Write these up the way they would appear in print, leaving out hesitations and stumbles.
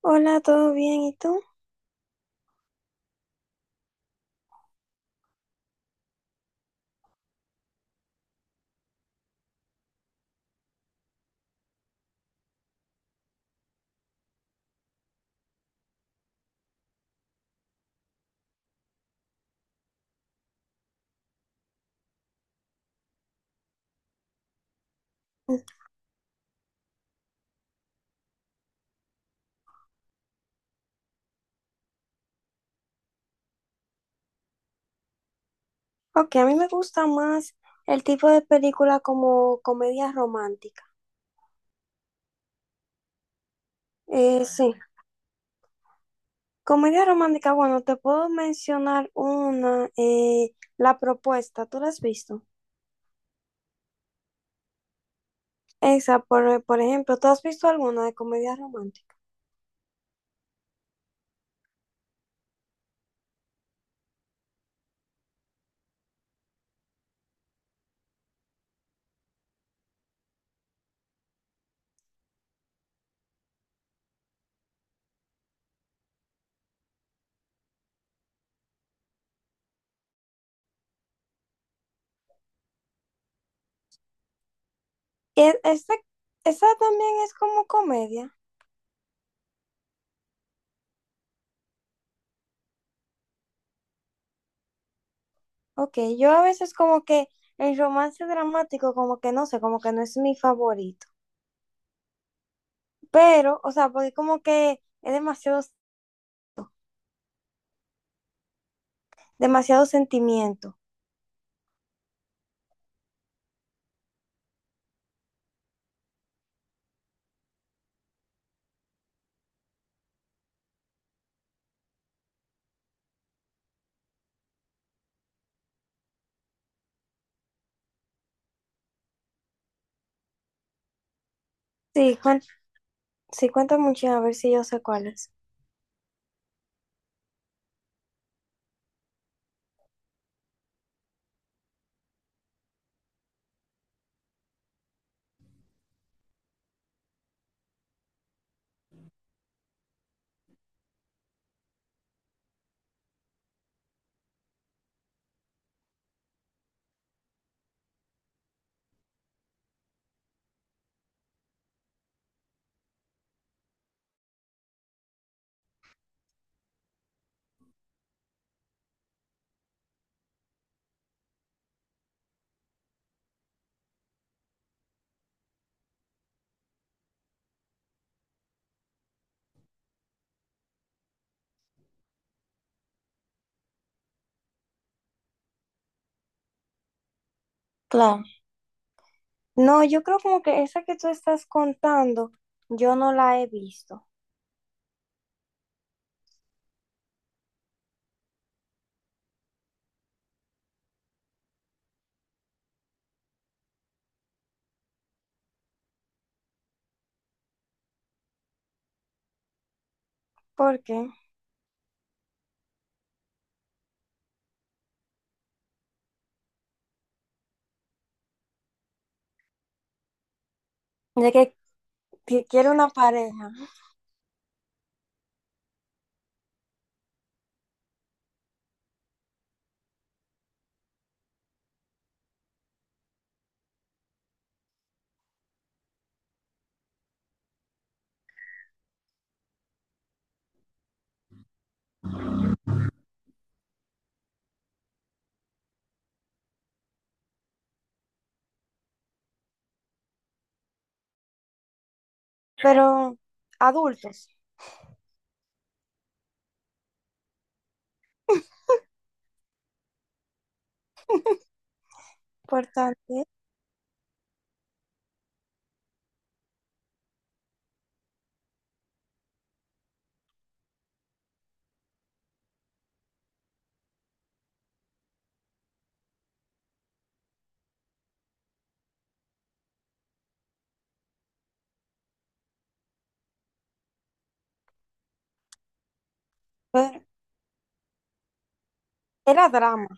Hola, ¿todo bien? ¿Y tú? Ok, a mí me gusta más el tipo de película como comedia romántica. Sí, comedia romántica, bueno, te puedo mencionar una, La Propuesta, ¿tú la has visto? Esa, por ejemplo, ¿tú has visto alguna de comedia romántica? E- Esta, esa también es como comedia. Ok, yo a veces como que el romance dramático como que no sé, como que no es mi favorito. Pero, o sea, porque como que es demasiado sentimiento. Sí, cuen- sí, cuenta mucho, a ver si yo sé cuál es. Claro. No, yo creo como que esa que tú estás contando, yo no la he visto. ¿Por qué? De que quiere una pareja, pero adultos. Importante. Pero era drama.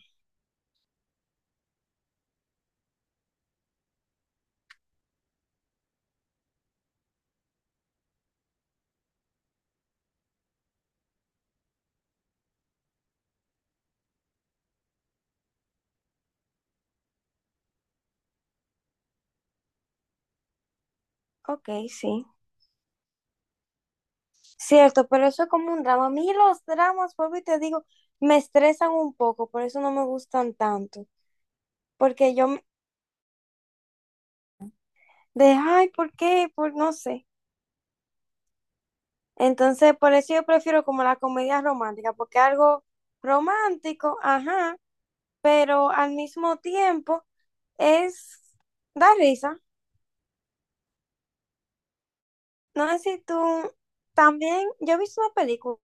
Ok, sí. Cierto, pero eso es como un drama. A mí los dramas, vuelvo y te digo, me estresan un poco, por eso no me gustan tanto. Porque yo me- de, ay, ¿por qué? Por no sé. Entonces, por eso yo prefiero como la comedia romántica, porque algo romántico, ajá, pero al mismo tiempo es da risa. No sé si tú también, yo he visto una película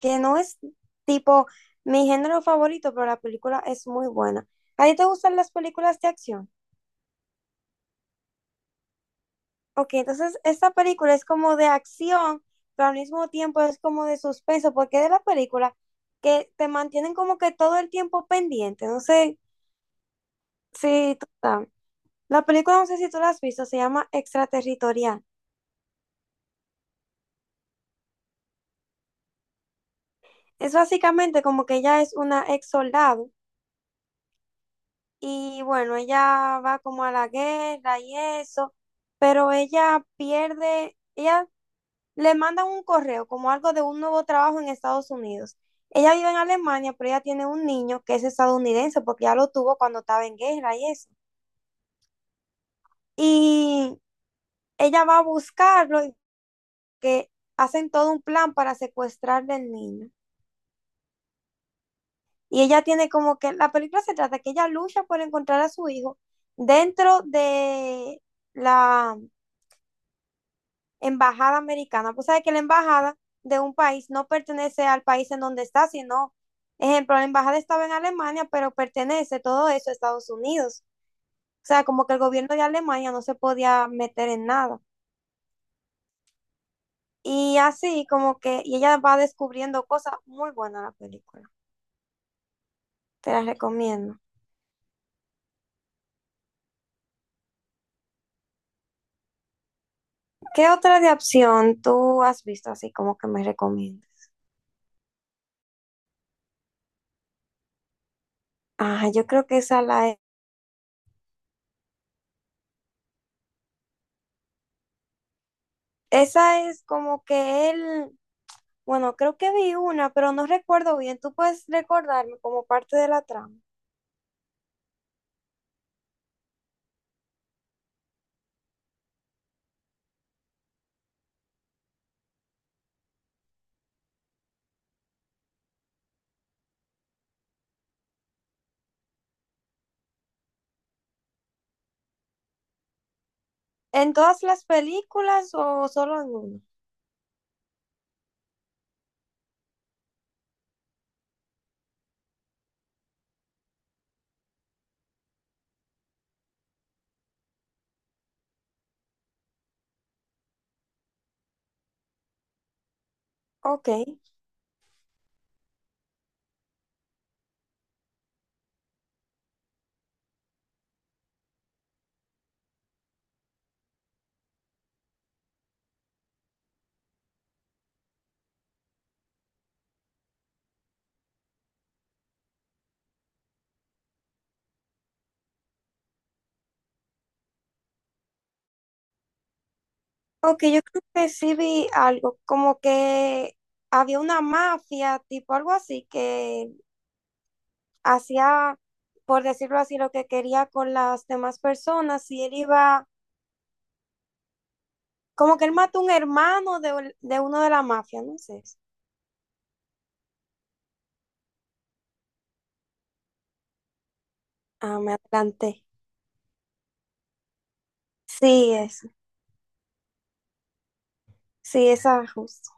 que no es tipo mi género favorito, pero la película es muy buena. ¿A ti te gustan las películas de acción? Ok, entonces esta película es como de acción, pero al mismo tiempo es como de suspenso, porque es de la película que te mantienen como que todo el tiempo pendiente. No sé si tú sabes. La película, no sé si tú la has visto, se llama Extraterritorial. Es básicamente como que ella es una ex soldado. Y bueno, ella va como a la guerra y eso, pero ella pierde, ella le mandan un correo como algo de un nuevo trabajo en Estados Unidos. Ella vive en Alemania, pero ella tiene un niño que es estadounidense porque ya lo tuvo cuando estaba en guerra y eso. Y ella va a buscarlo y que hacen todo un plan para secuestrarle al niño. Y ella tiene como que, la película se trata que ella lucha por encontrar a su hijo dentro de la embajada americana. Pues sabe que la embajada de un país no pertenece al país en donde está, sino, ejemplo, la embajada estaba en Alemania, pero pertenece todo eso a Estados Unidos. O sea, como que el gobierno de Alemania no se podía meter en nada. Y así como que y ella va descubriendo cosas muy buenas en la película. Te las recomiendo. ¿Qué otra de acción tú has visto así como que me recomiendas? Ah, yo creo que esa la es. Esa es como que él bueno, creo que vi una, pero no recuerdo bien. ¿Tú puedes recordarme como parte de la trama? ¿En todas las películas o solo en una? Ok. Ok, yo creo que sí vi algo, como que había una mafia, tipo algo así, que hacía, por decirlo así, lo que quería con las demás personas y él iba, como que él mató un hermano de uno de la mafia, no sé. Ah, me adelanté. Sí, eso. Sí, esa justo.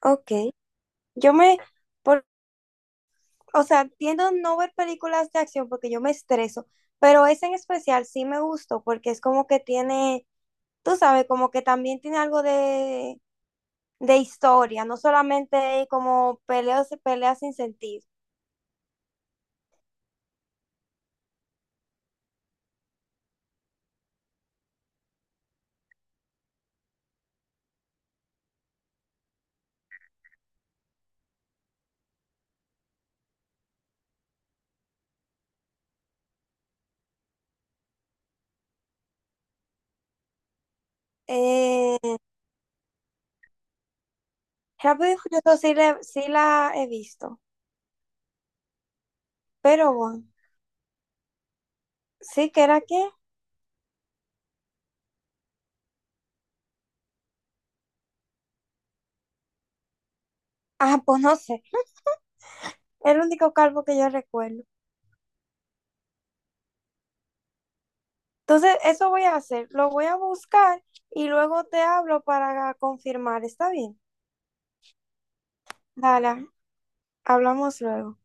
Ok. Yo me... O sea, tiendo a no ver películas de acción porque yo me estreso, pero esa en especial sí me gustó porque es como que tiene, tú sabes, como que también tiene algo de historia, no solamente como peleas, peleas sin sentido. Eh, Rápido y Furioso sí, sí la he visto, pero bueno, sí que era que, ah, pues no sé, el único calvo que yo recuerdo. Entonces, eso voy a hacer, lo voy a buscar y luego te hablo para confirmar, ¿está bien? Dale, hablamos luego.